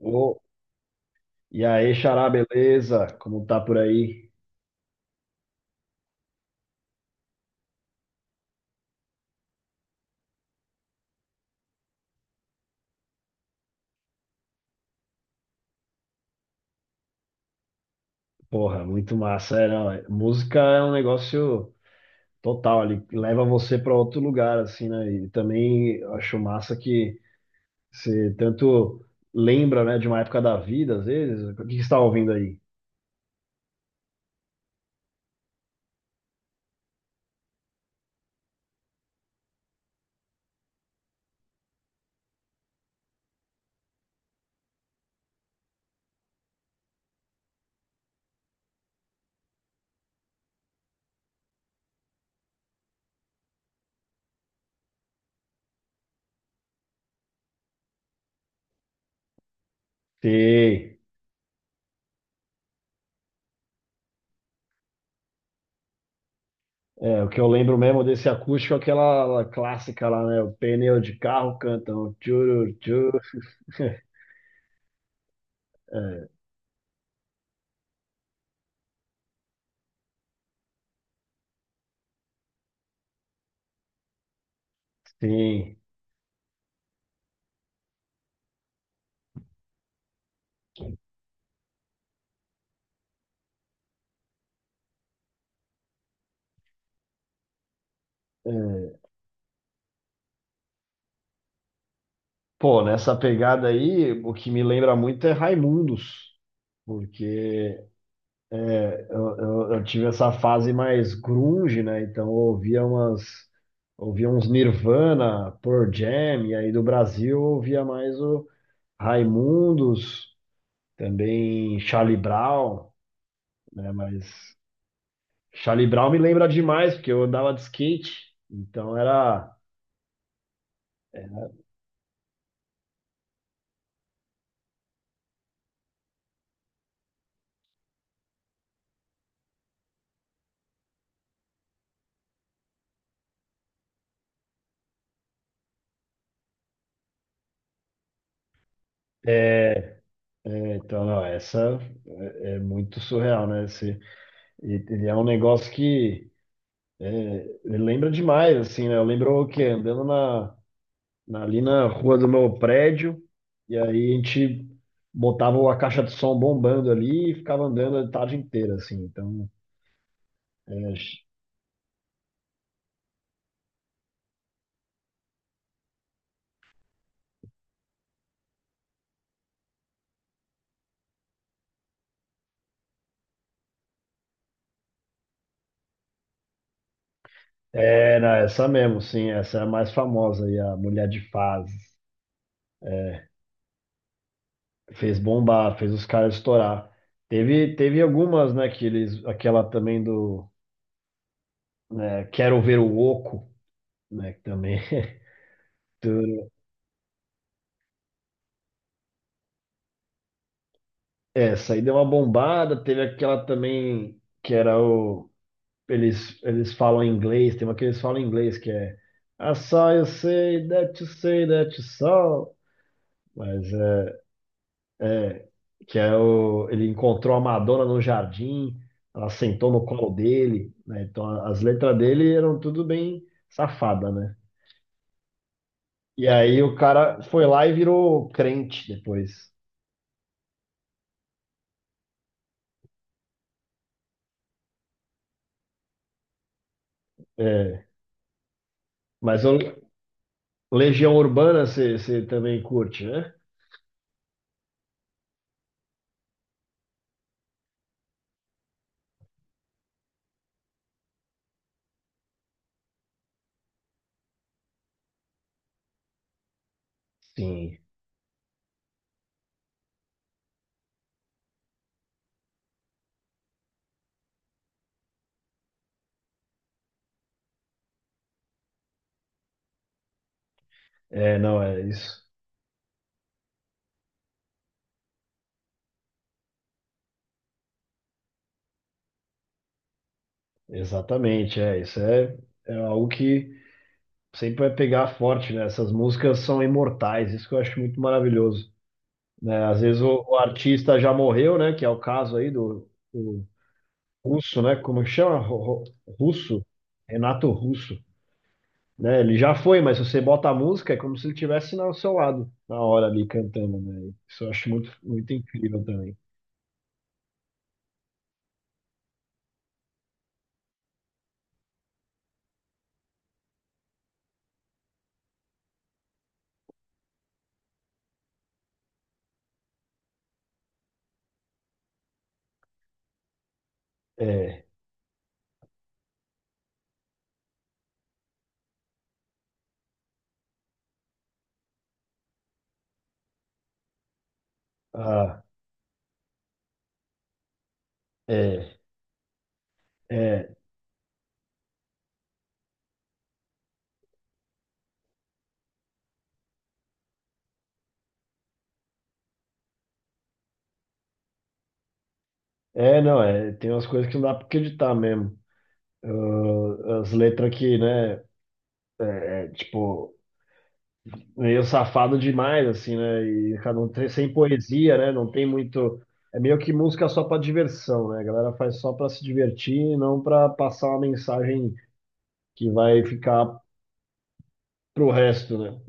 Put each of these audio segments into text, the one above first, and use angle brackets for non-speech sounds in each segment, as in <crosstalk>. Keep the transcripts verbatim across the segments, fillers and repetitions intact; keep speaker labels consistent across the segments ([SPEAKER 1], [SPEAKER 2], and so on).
[SPEAKER 1] Ô, e aí, Xará, beleza? Como tá por aí? Porra, muito massa, é, não, é- música é um negócio total, ele leva você para outro lugar, assim, né? E também eu acho massa que você tanto lembra, né, de uma época da vida, às vezes. O que que você está ouvindo aí? Sei. É, o que eu lembro mesmo desse acústico é aquela clássica lá, né? O pneu de carro cantam. Tchuru, tchuru. <laughs> É, sim. É. Pô, nessa pegada aí, o que me lembra muito é Raimundos, porque eu, eu- eu tive essa fase mais grunge, né? Então eu ouvia umas, ouvia uns Nirvana, Pearl Jam, e aí do Brasil eu ouvia mais o Raimundos, também Charlie Brown, né? Mas Charlie Brown me lembra demais, porque eu andava de skate, então era. é, é, então, não, essa é, é muito surreal, né? E, e é um negócio que é, lembra demais, assim, né? Eu lembro que Andando na, na- ali na rua do meu prédio, e aí a gente botava a caixa de som bombando ali e ficava andando a tarde inteira, assim. Então, é, era essa mesmo, sim, essa é a mais famosa, e a Mulher de Fases. Fez bombar, fez os caras estourar. Teve, teve algumas, né, que eles, aquela também do, né, Quero Ver o Oco, né, que também <laughs> Essa aí deu uma bombada, teve aquela também que era o. Eles, eles falam em inglês, tem uma que eles falam em inglês que é I saw you say that you say that you saw. Mas é que é o. Ele encontrou a Madonna no jardim, ela sentou no colo dele, né? Então a- as letras dele eram tudo bem safada, né? E aí o cara foi lá e virou crente depois. É, mas o Legião Urbana você você também curte, né? Sim. É, não, é isso. Exatamente, é. Isso é, é algo que sempre vai pegar forte, né? Essas músicas são imortais, isso que eu acho muito maravilhoso, né? Às vezes o, o artista já morreu, né? Que é o caso aí do, do Russo, né? Como que chama? Ro- Ro- Russo? Renato Russo, né? Ele já foi, mas se você bota a música, é como se ele estivesse ao seu lado, na hora ali cantando, né? Isso eu acho muito, muito incrível também. É, ah, é, é. É, não, é, tem umas coisas que não dá pra acreditar mesmo. Ah, as letras que, né, é, é, tipo, meio safado demais, assim, né, e cada um tem, sem poesia, né, não tem muito. É meio que música só pra diversão, né, a galera faz só pra se divertir e não pra passar uma mensagem que vai ficar pro resto, né.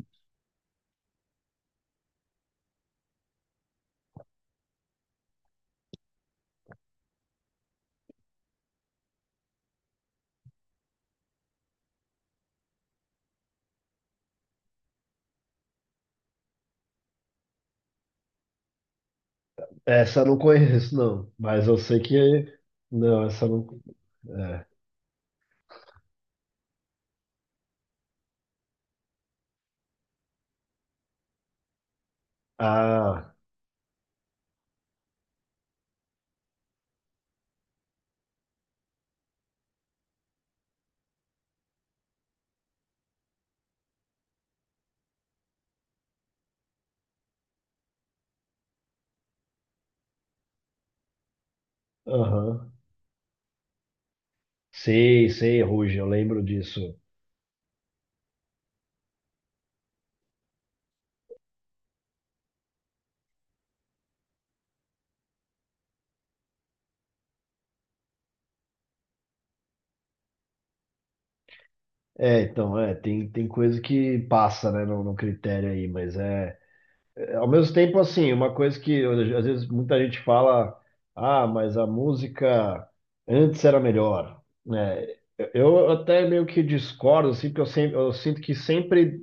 [SPEAKER 1] Essa eu não conheço, não, mas eu sei que. Não, essa eu não. É. Ah, aham. Sei, sei, Ruge, eu lembro disso. É, então, é, tem, tem coisa que passa, né, no, no critério aí, mas é, é, ao mesmo tempo, assim, uma coisa que eu- às vezes muita gente fala, ah, mas a música antes era melhor, né, eu eu até meio que discordo, assim, porque eu, sempre, eu sinto que sempre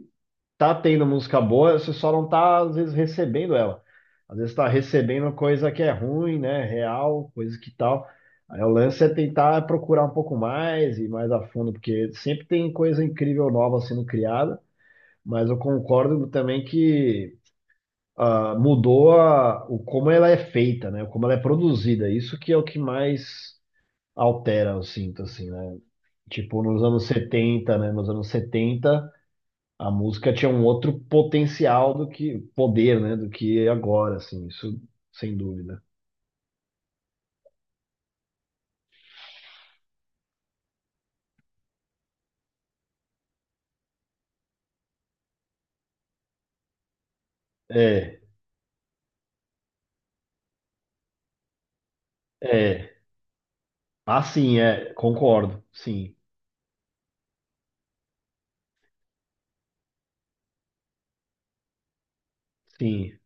[SPEAKER 1] tá tendo música boa, você só não tá, às vezes, recebendo ela. Às vezes tá recebendo coisa que é ruim, né? Real, coisa que tal. Aí o lance é tentar procurar um pouco mais e mais a fundo, porque sempre tem coisa incrível nova sendo criada, mas eu concordo também que ah, mudou a- o como ela é feita, né? Como ela é produzida. Isso que é o que mais altera, eu sinto, assim, né? Tipo, nos anos setenta, né? Nos anos setenta a música tinha um outro potencial do que poder, né? Do que agora, assim, isso sem dúvida. É, é. Ah, sim, é, concordo. Sim, sim.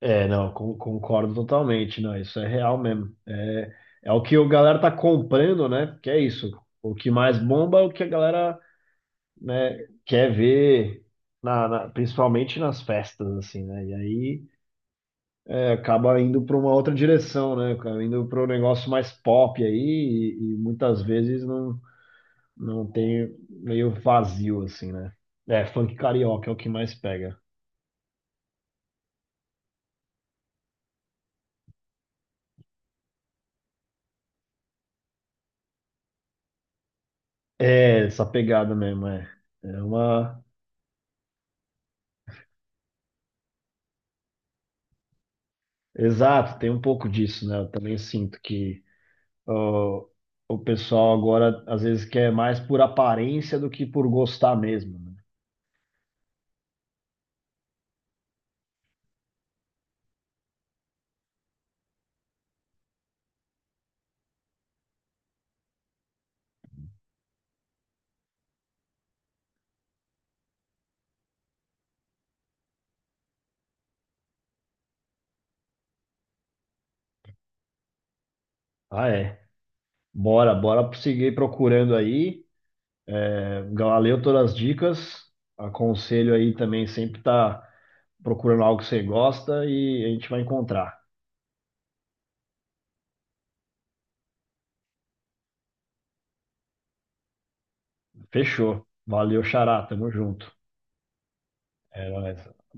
[SPEAKER 1] É, não, con- concordo totalmente. Não, isso é real mesmo. É, é o que a galera tá comprando, né? Porque é isso. O que mais bomba é o que a galera, né, quer ver, na, na- principalmente nas festas, assim, né? E aí, acaba indo para uma outra direção, né? Acaba indo para um negócio mais pop aí e, e muitas vezes não, não tem meio vazio assim, né? É, funk carioca é o que mais pega. É, essa pegada mesmo, é. É uma. Exato, tem um pouco disso, né? Eu também sinto que ó, o pessoal agora às vezes quer mais por aparência do que por gostar mesmo, né? Ah, é. Bora, bora seguir procurando aí. É, Galileu, todas as dicas. Aconselho aí também sempre tá procurando algo que você gosta e a gente vai encontrar. Fechou. Valeu, Xará. Tamo junto. É nóis. Abraço.